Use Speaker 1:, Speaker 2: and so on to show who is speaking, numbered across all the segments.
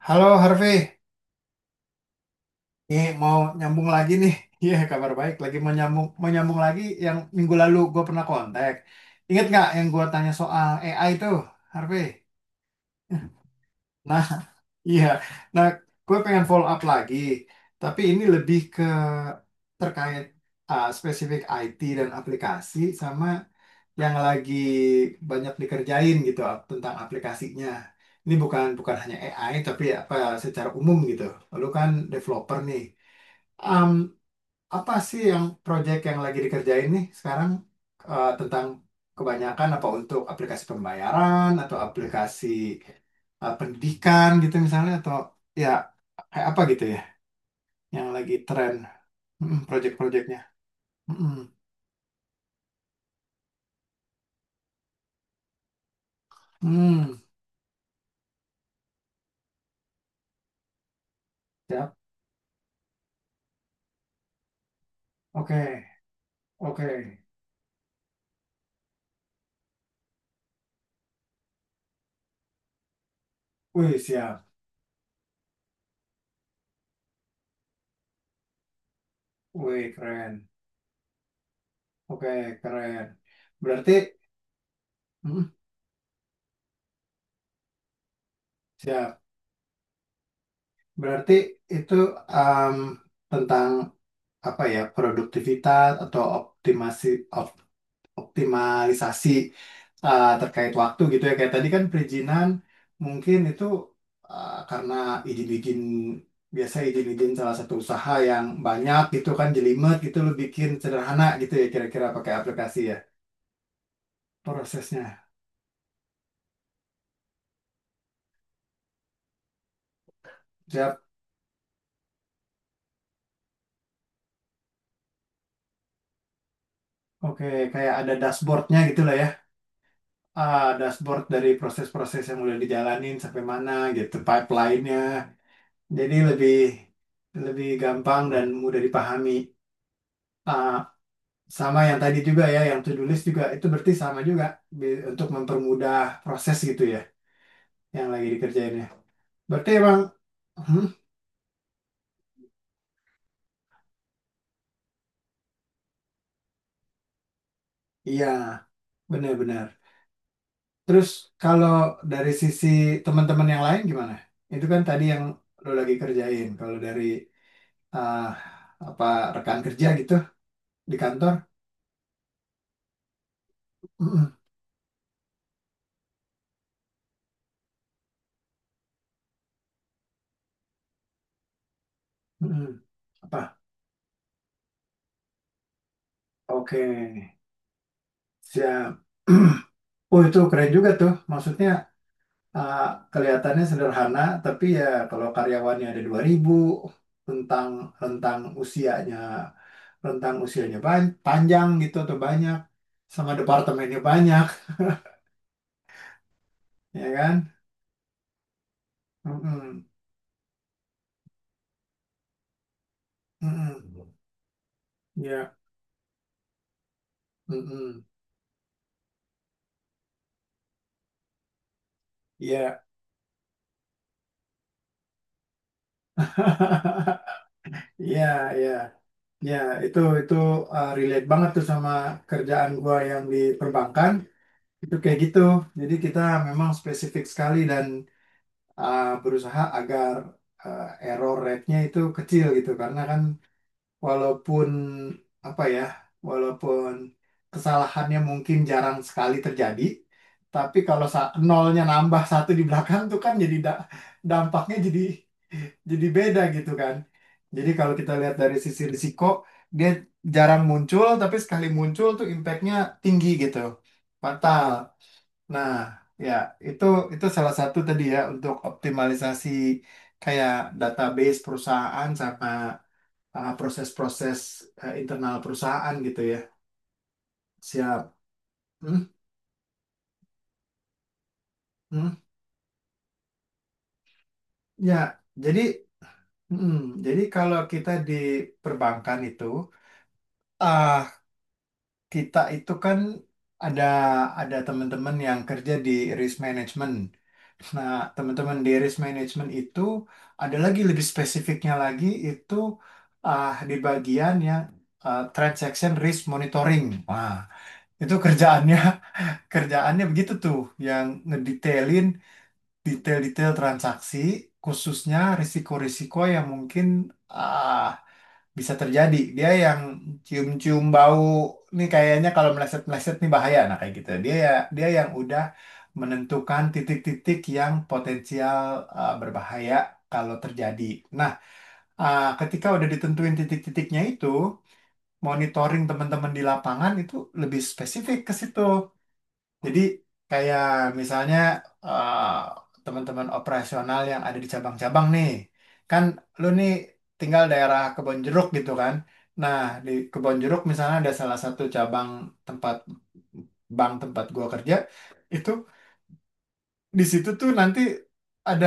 Speaker 1: Halo Harvey, nih mau nyambung lagi nih. Iya, kabar baik. Lagi mau nyambung lagi yang minggu lalu gue pernah kontak. Ingat nggak yang gue tanya soal AI itu, Harvey? Nah, iya. Nah, gue pengen follow up lagi. Tapi ini lebih ke terkait spesifik IT dan aplikasi sama yang lagi banyak dikerjain gitu tentang aplikasinya. Ini bukan bukan hanya AI tapi apa secara umum gitu. Lalu kan developer nih. Em, apa sih yang project yang lagi dikerjain nih sekarang tentang kebanyakan apa untuk aplikasi pembayaran atau aplikasi pendidikan gitu misalnya atau ya kayak apa gitu ya yang lagi tren. Mm, project-projectnya. Mm, mm. Hmm, siap. Oke, oke. Wih, siap. Wih, keren. Oke, keren. Berarti, hmm, siap. Berarti itu um, tentang apa ya, produktivitas atau optimasi, op- optimalisasi terkait waktu gitu ya. Kayak tadi kan perizinan mungkin itu karena izin-izin biasa izin-izin salah satu usaha yang banyak gitu kan jelimet gitu lo bikin sederhana gitu ya kira-kira pakai aplikasi ya prosesnya. Siap. Oke, kayak ada dashboardnya gitu lah ya. Ah, dashboard dari proses-proses yang udah dijalanin sampai mana gitu, pipeline-nya. Jadi lebih lebih gampang dan mudah dipahami. Ah, sama yang tadi juga ya, yang to-do list juga itu berarti sama juga untuk mempermudah proses gitu ya yang lagi dikerjainnya. Berarti emang hmm, iya, benar-benar. Terus kalau dari sisi teman-teman yang lain gimana? Itu kan tadi yang lo lagi kerjain. Kalau dari ah, apa rekan kerja gitu di kantor. Hmm, mm-mm. Apa? Oke, siap. Oh, itu keren juga tuh. Maksudnya uh, kelihatannya sederhana, tapi ya kalau karyawannya ada 2.000 rentang rentang usianya panjang gitu atau banyak sama departemennya banyak, ya kan? Mm-mm. Mm-mm. Ya, mm-mm. Ya. Iya, iya, iya, itu relate banget tuh sama kerjaan gua yang di perbankan. Itu kayak gitu. Jadi kita memang spesifik sekali dan berusaha agar uh, error rate-nya itu kecil gitu. Karena kan walaupun apa ya, walaupun kesalahannya mungkin jarang sekali terjadi, tapi kalau nolnya nambah satu di belakang tuh kan jadi dampaknya jadi beda gitu kan. Jadi kalau kita lihat dari sisi risiko, dia jarang muncul, tapi sekali muncul tuh impact-nya tinggi gitu. Fatal. Nah, ya itu itu salah satu tadi ya untuk optimalisasi kayak database perusahaan sama proses-proses internal perusahaan gitu ya. Siap. Hmm, hmm. Ya, jadi hmm, jadi kalau kita di perbankan itu ah kita itu kan ada ada teman-teman yang kerja di risk management. Nah, teman-teman di risk management itu ada lagi lebih spesifiknya lagi itu ah, di bagian yang ah, transaction risk monitoring. Wah, itu kerjaannya kerjaannya begitu tuh yang ngedetailin detail-detail transaksi khususnya risiko-risiko yang mungkin ah, bisa terjadi dia yang cium-cium bau nih kayaknya kalau meleset-meleset nih bahaya nah kayak gitu dia ya dia yang udah menentukan titik-titik yang potensial berbahaya kalau terjadi nah ketika udah ditentuin titik-titiknya itu monitoring teman-teman di lapangan itu lebih spesifik ke situ jadi kayak misalnya eh, teman-teman operasional yang ada di cabang-cabang nih, kan lu nih tinggal daerah Kebon Jeruk gitu kan. Nah, di Kebon Jeruk misalnya ada salah satu cabang tempat bank tempat gua kerja, itu di situ tuh nanti ada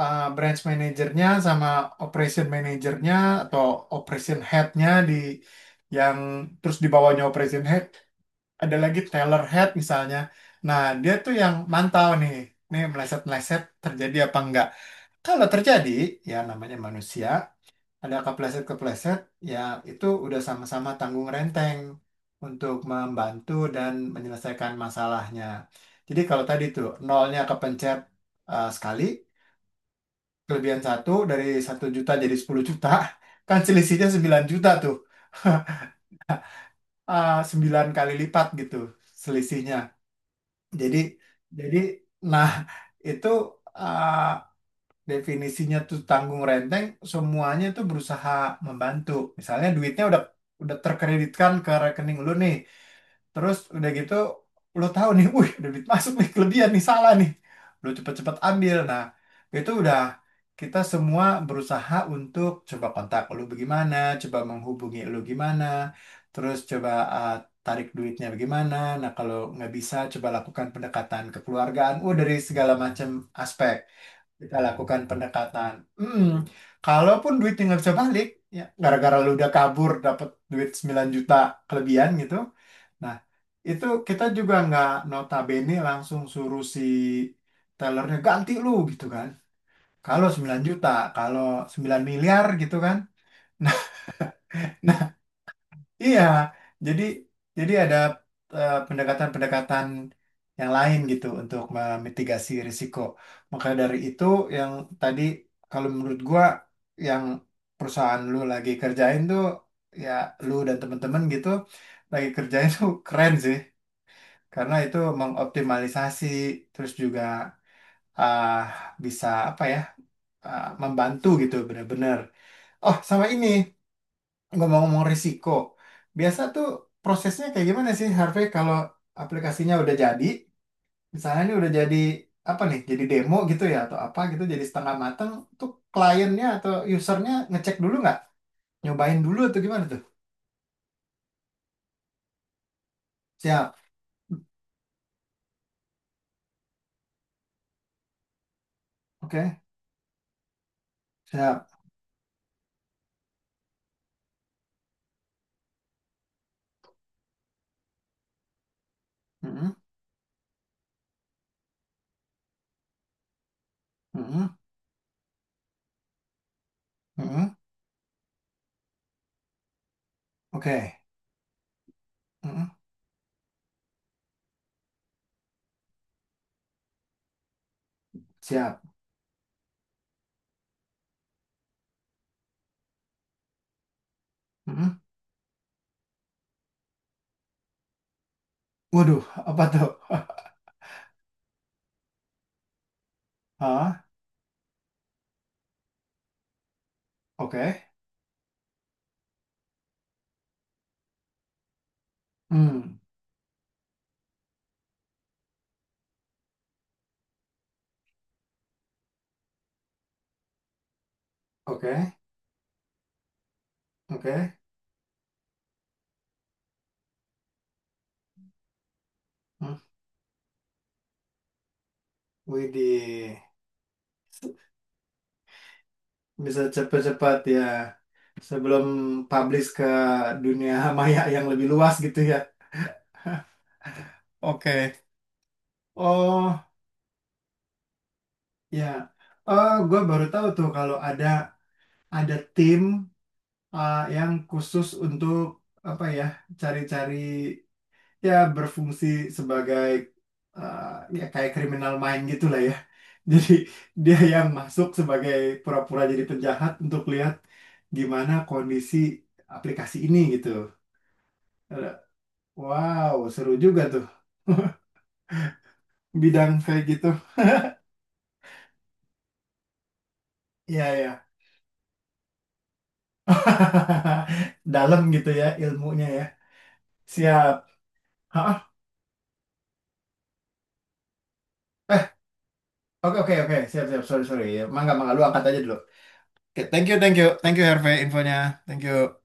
Speaker 1: branch manajernya sama operation manajernya atau operation headnya di yang terus di bawahnya operation head ada lagi Taylor Head misalnya. Nah, dia tuh yang mantau nih, nih meleset-meleset terjadi apa enggak. Kalau terjadi, ya namanya manusia, ada kepleset-kepleset, ya itu udah sama-sama tanggung renteng untuk membantu dan menyelesaikan masalahnya. Jadi kalau tadi tuh nolnya kepencet sekali, kelebihan satu dari 1.000.000 jadi 10.000.000, kan selisihnya 9.000.000 tuh. Ah, 9 kali lipat gitu selisihnya. Jadi jadi nah itu uh, definisinya tuh tanggung renteng semuanya itu berusaha membantu. Misalnya duitnya udah terkreditkan ke rekening lu nih. Terus udah gitu lo tahu nih, wih ada duit masuk nih kelebihan nih salah nih. Lo cepet-cepet ambil. Nah itu udah kita semua berusaha untuk coba kontak lo bagaimana, coba menghubungi lo gimana, terus coba eh, tarik duitnya bagaimana. Nah kalau nggak bisa coba lakukan pendekatan kekeluargaan. Oh dari segala macam aspek kita lakukan pendekatan. Hmm, kalaupun duitnya nggak bisa balik, ya gara-gara lu udah kabur dapat duit 9.000.000 kelebihan gitu. Nah, itu kita juga nggak notabene langsung suruh si tellernya ganti lu gitu kan. Kalau 9.000.000, kalau 9.000.000.000 gitu kan. Nah, nah iya. Jadi jadi ada pendekatan-pendekatan yang lain gitu untuk memitigasi risiko. Maka dari itu yang tadi kalau menurut gua yang perusahaan lu lagi kerjain tuh ya lu dan temen-temen gitu lagi kerjain tuh keren sih. Karena itu mengoptimalisasi terus juga ah, bisa apa ya ah, membantu gitu benar-benar. Oh, sama ini ngomong-ngomong risiko. Biasa tuh prosesnya kayak gimana sih Harvey kalau aplikasinya udah jadi, misalnya ini udah jadi apa nih, jadi demo gitu ya atau apa gitu jadi setengah mateng tuh kliennya atau usernya ngecek dulu nggak? Nyobain dulu atau gimana tuh? Siap. Oke, siap. Mm-mm, mm-mm, mm-mm. Oke. Mm-mm, siap. Mm-mm. Waduh, apa tuh? Hah? Oke. Hmm. Oke. Oke. Hmm. Widih. Bisa cepat-cepat ya. Sebelum publish ke dunia maya yang lebih luas gitu ya. Oke. Oh, ya. Oh, gue baru tahu tuh kalau ada tim yang khusus untuk apa ya, cari-cari ya berfungsi sebagai eh, ya kayak criminal mind gitu lah ya. Jadi dia yang masuk sebagai pura-pura jadi penjahat untuk lihat gimana kondisi aplikasi ini gitu. Eh, wow, seru juga tuh bidang kayak gitu. Iya ya. Dalam gitu ya ilmunya ya. Siap. Hah? Eh, oke oke oke. Siap siap. Sorry sorry. Mangga mangga lu angkat aja dulu. Oke, thank you thank you thank you Herve infonya. Thank you.